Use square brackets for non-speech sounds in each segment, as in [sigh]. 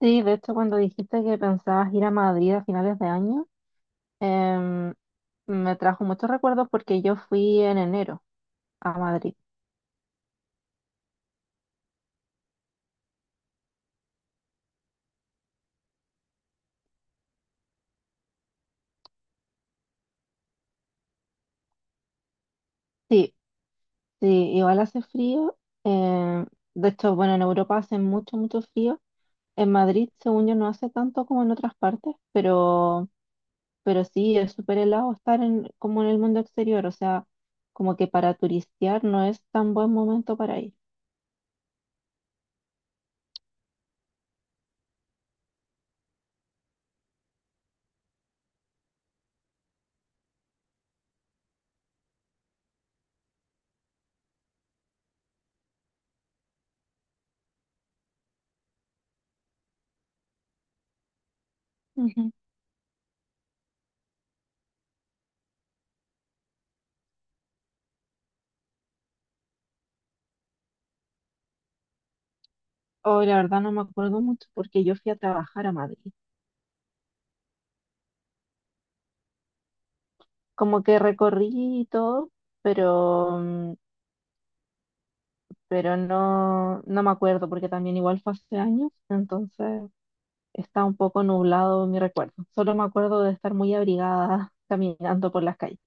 Sí, de hecho, cuando dijiste que pensabas ir a Madrid a finales de año, em, me trajo muchos recuerdos porque yo fui en enero a Madrid. Sí, sí, igual hace frío. em, de hecho, bueno, en Europa hace mucho, mucho frío. En Madrid, según yo, no hace tanto como en otras partes, pero sí, es súper helado estar en, como en el mundo exterior. O sea, como que para turistear no es tan buen momento para ir. Ujú. Oh, la verdad no me acuerdo mucho porque yo fui a trabajar a Madrid. Como que recorrí y todo, pero, pero no, no me acuerdo porque también igual fue hace años, entonces está un poco nublado mi recuerdo. Solo me acuerdo de estar muy abrigada [laughs] caminando por las calles.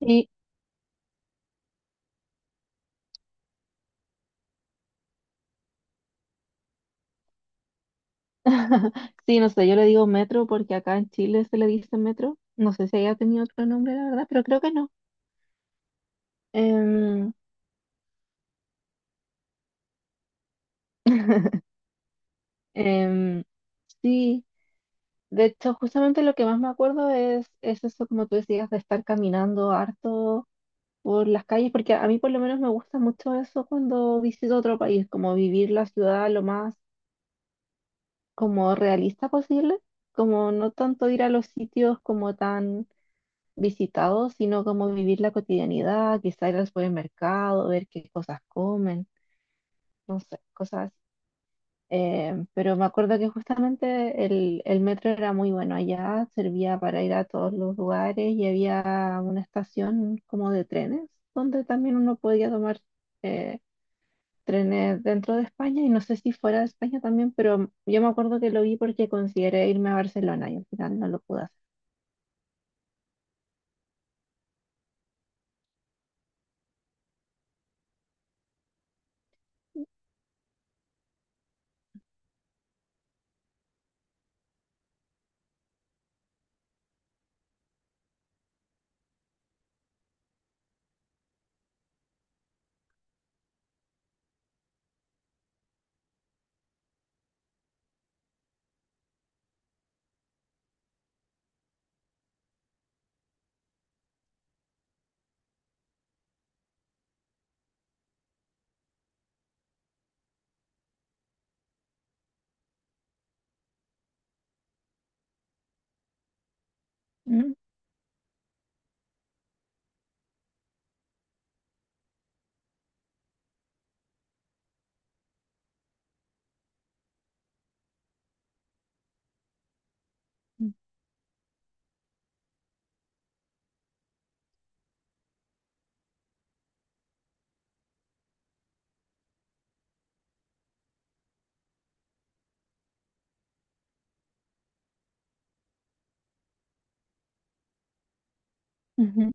Y [laughs] sí, no sé, yo le digo metro porque acá en Chile se le dice metro. No sé si haya tenido otro nombre, la verdad, pero creo que no. Em, em, sí, de hecho, justamente lo que más me acuerdo es eso, como tú decías, de estar caminando harto por las calles, porque a mí por lo menos me gusta mucho eso cuando visito otro país, como vivir la ciudad lo más como realista posible, como no tanto ir a los sitios como tan visitados, sino como vivir la cotidianidad, quizá ir al supermercado, ver qué cosas comen, no sé, cosas así. Pero me acuerdo que justamente el metro era muy bueno allá, servía para ir a todos los lugares y había una estación como de trenes donde también uno podía tomar... eh, trenes dentro de España y no sé si fuera de España también, pero yo me acuerdo que lo vi porque consideré irme a Barcelona y al final no lo pude hacer. Mm, ujú, mm,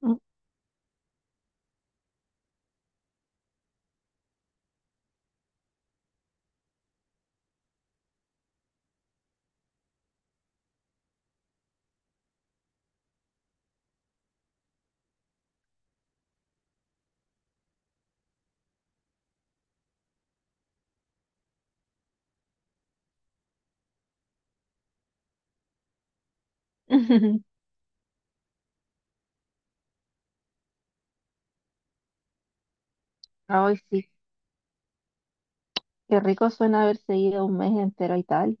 ujú, mm. [laughs] Ay, sí, qué rico suena haberse ido un mes entero a Italia.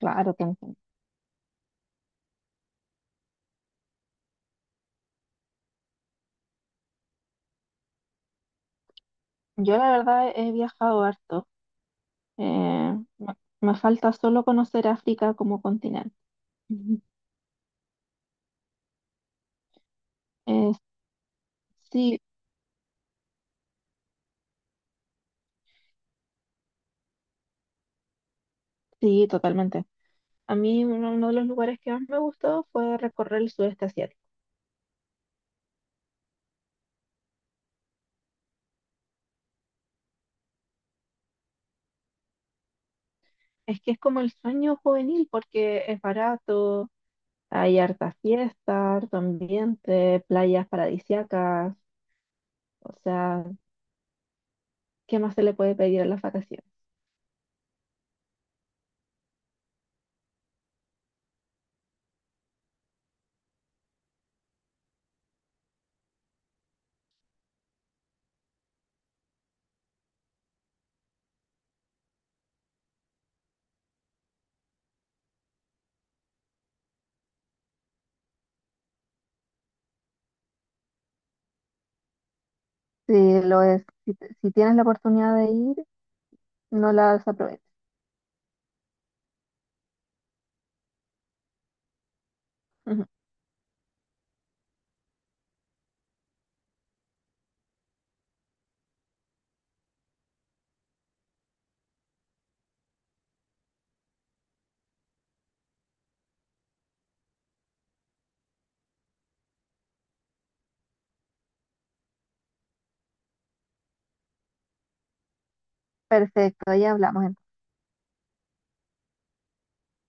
Claro que entiendo. Yo la verdad he viajado harto. Eh, me, me falta solo conocer África como continente. Ujú. Eh, sí, sí, totalmente. A mí uno de los lugares que más me gustó fue recorrer el sudeste asiático. Es que es como el sueño juvenil porque es barato, hay harta fiesta, harto ambiente, playas paradisíacas, o sea, ¿qué más se le puede pedir a las vacaciones? Sí, lo es. Si, si tienes la oportunidad de ir, no la desaproveches. Ujú. Perfecto, ahí hablamos entonces.